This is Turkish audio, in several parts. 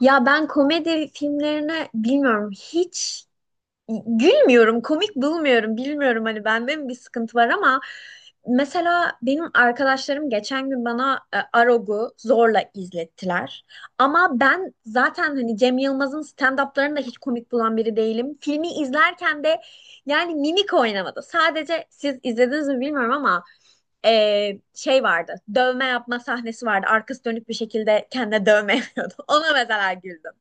Ya ben komedi filmlerini bilmiyorum hiç gülmüyorum, komik bulmuyorum. Bilmiyorum hani bende mi bir sıkıntı var ama mesela benim arkadaşlarım geçen gün bana Arog'u zorla izlettiler. Ama ben zaten hani Cem Yılmaz'ın stand-up'larını da hiç komik bulan biri değilim. Filmi izlerken de yani mimik oynamadı. Sadece siz izlediniz mi bilmiyorum ama şey vardı. Dövme yapma sahnesi vardı. Arkası dönük bir şekilde kendine dövme yapıyordu. Ona mesela güldüm.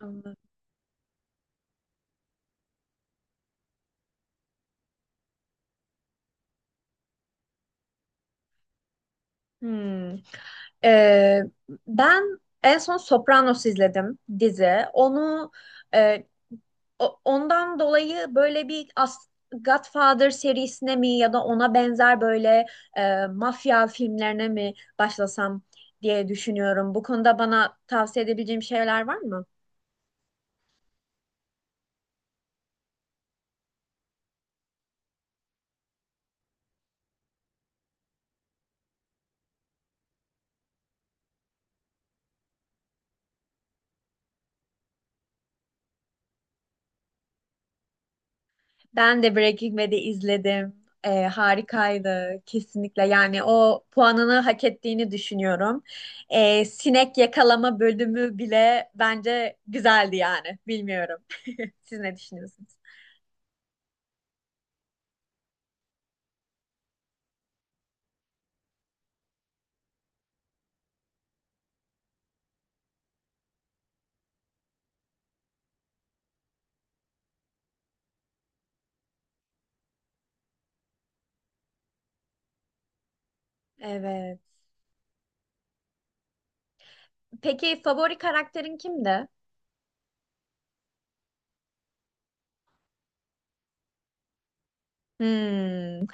Anladım. Hmm. Ee, Ben en son Sopranos izledim dizi. Onu e, ondan dolayı böyle bir Godfather serisine mi ya da ona benzer böyle mafya filmlerine mi başlasam diye düşünüyorum. Bu konuda bana tavsiye edebileceğim şeyler var mı? Ben de Breaking Bad'i izledim. Harikaydı kesinlikle. Yani o puanını hak ettiğini düşünüyorum. Sinek yakalama bölümü bile bence güzeldi yani. Bilmiyorum. Siz ne düşünüyorsunuz? Evet. Peki favori karakterin kimdi? Hmm.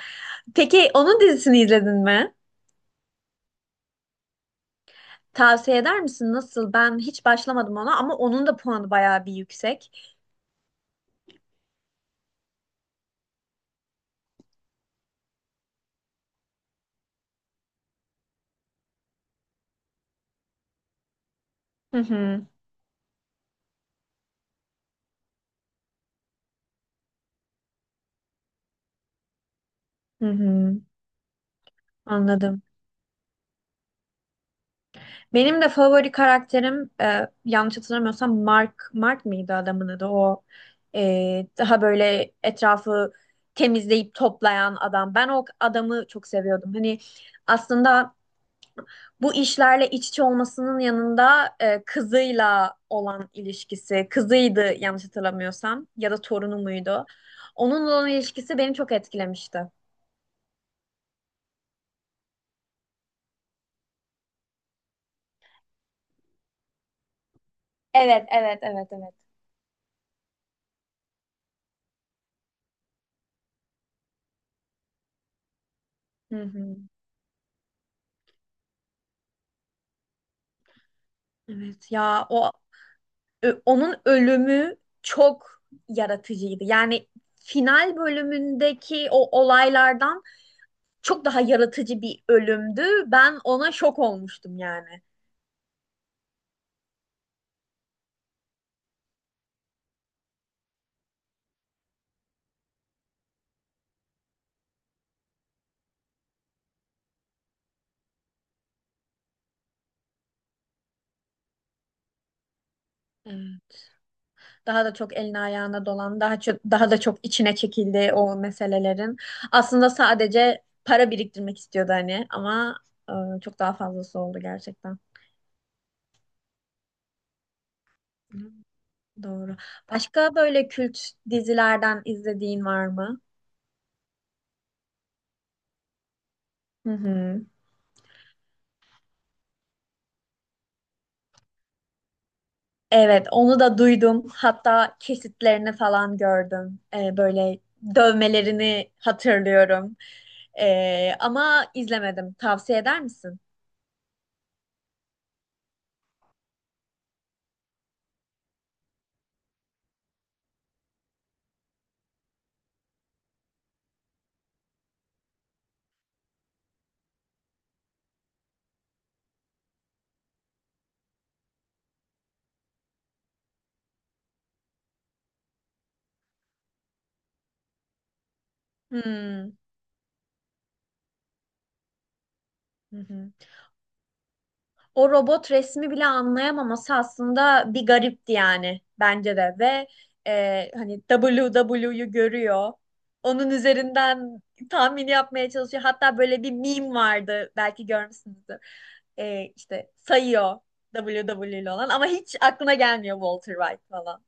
Peki onun dizisini izledin mi? Tavsiye eder misin? Nasıl? Ben hiç başlamadım ona ama onun da puanı bayağı bir yüksek. Hı hı. Hı hı. Anladım. Benim de favori karakterim yanlış hatırlamıyorsam Mark Mark mıydı adamın adı o daha böyle etrafı temizleyip toplayan adam. Ben o adamı çok seviyordum. Hani aslında bu işlerle iç içe olmasının yanında kızıyla olan ilişkisi, kızıydı yanlış hatırlamıyorsam ya da torunu muydu? Onunla olan ilişkisi beni çok etkilemişti. Evet, evet, evet, evet. Hı hı. Evet ya, onun ölümü çok yaratıcıydı. Yani final bölümündeki o olaylardan çok daha yaratıcı bir ölümdü. Ben ona şok olmuştum yani. Evet. Daha da çok eline ayağına dolan, daha da çok içine çekildi o meselelerin. Aslında sadece para biriktirmek istiyordu hani ama çok daha fazlası oldu gerçekten. Doğru. Başka böyle kült dizilerden izlediğin var mı? Hı hı. Evet, onu da duydum. Hatta kesitlerini falan gördüm. Böyle dövmelerini hatırlıyorum. Ama izlemedim. Tavsiye eder misin? Hmm. Hı hı. O robot resmi bile anlayamaması aslında bir garipti yani bence de ve hani WW'yu görüyor. Onun üzerinden tahmin yapmaya çalışıyor. Hatta böyle bir meme vardı belki görmüşsünüzdür. İşte sayıyor WW ile olan ama hiç aklına gelmiyor Walter White falan.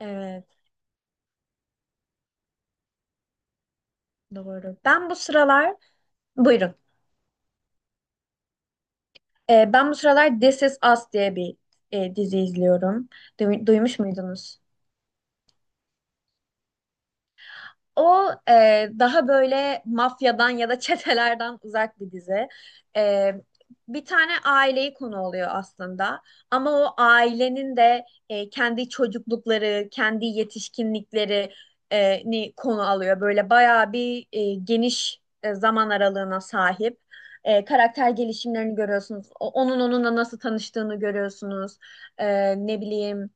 Evet, doğru. Ben bu sıralar buyurun. Ben bu sıralar This Is Us diye bir dizi izliyorum. Duymuş muydunuz? O daha böyle mafyadan ya da çetelerden uzak bir dizi. E, Bir tane aileyi konu oluyor aslında. Ama o ailenin de kendi çocuklukları, kendi yetişkinlikleri ni konu alıyor. Böyle bayağı bir geniş zaman aralığına sahip. Karakter gelişimlerini görüyorsunuz. Onun onunla nasıl tanıştığını görüyorsunuz. Ne bileyim.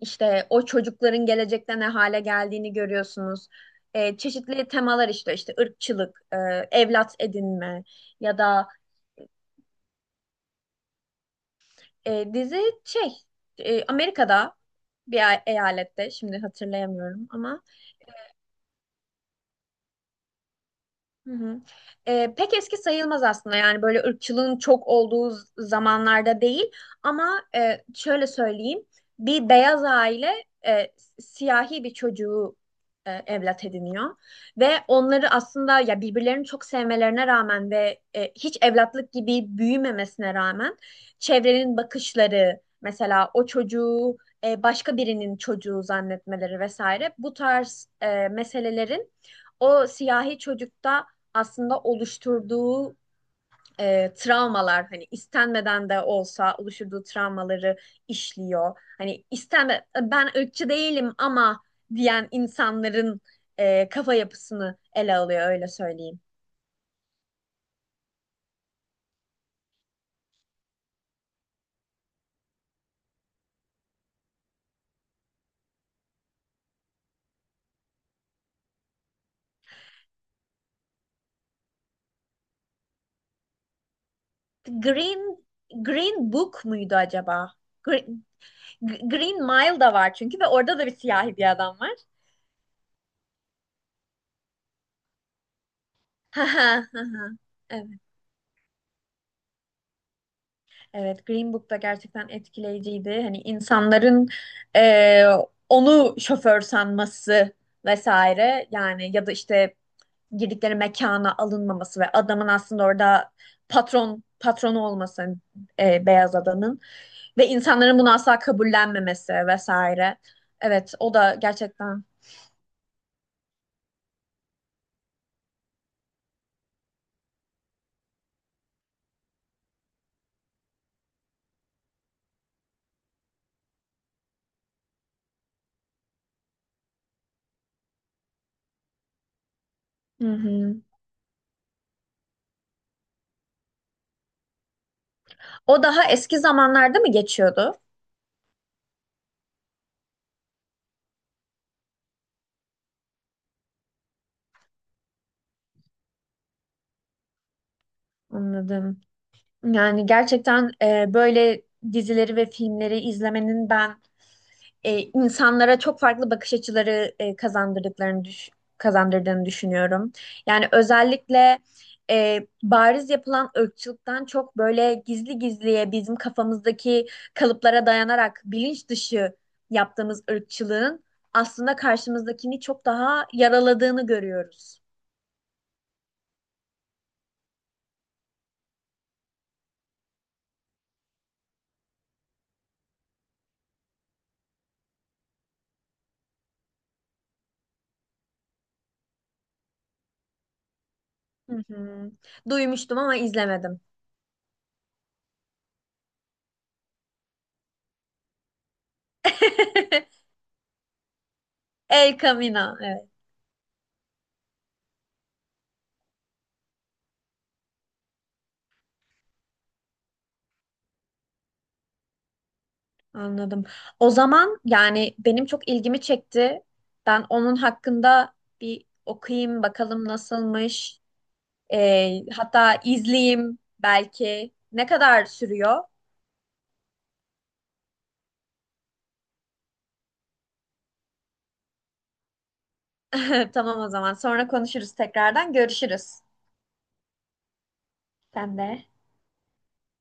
İşte o çocukların gelecekte ne hale geldiğini görüyorsunuz. Çeşitli temalar işte ırkçılık, evlat edinme ya da dizi şey Amerika'da bir eyalette şimdi hatırlayamıyorum ama. Hı hı. Pek eski sayılmaz aslında yani böyle ırkçılığın çok olduğu zamanlarda değil ama şöyle söyleyeyim bir beyaz aile siyahi bir çocuğu evlat ediniyor ve onları aslında ya birbirlerini çok sevmelerine rağmen ve hiç evlatlık gibi büyümemesine rağmen çevrenin bakışları mesela o çocuğu başka birinin çocuğu zannetmeleri vesaire bu tarz meselelerin o siyahi çocukta aslında oluşturduğu travmalar hani istenmeden de olsa oluşturduğu travmaları işliyor. Hani istenme, "E, ben ırkçı değilim" ama diyen insanların kafa yapısını ele alıyor öyle söyleyeyim. Green Green Book muydu acaba? Green, Green Mile da var çünkü ve orada da bir siyahi bir adam var. Evet. Evet, Green Book da gerçekten etkileyiciydi. Hani insanların e, onu şoför sanması vesaire yani ya da işte girdikleri mekana alınmaması ve adamın aslında orada patronu olması beyaz adamın. Ve insanların bunu asla kabullenmemesi vesaire. Evet, o da gerçekten. Hı hı. O daha eski zamanlarda mı geçiyordu? Anladım. Yani gerçekten böyle dizileri ve filmleri izlemenin ben insanlara çok farklı bakış açıları kazandırdıklarını kazandırdığını düşünüyorum. Yani özellikle bariz yapılan ırkçılıktan çok böyle gizli gizliye bizim kafamızdaki kalıplara dayanarak bilinç dışı yaptığımız ırkçılığın aslında karşımızdakini çok daha yaraladığını görüyoruz. Hı hı. Duymuştum ama izlemedim. El Camino. Evet, anladım. O zaman yani benim çok ilgimi çekti. Ben onun hakkında bir okuyayım bakalım nasılmış. Hatta izleyeyim belki. Ne kadar sürüyor? Tamam o zaman. Sonra konuşuruz tekrardan. Görüşürüz. Sen de.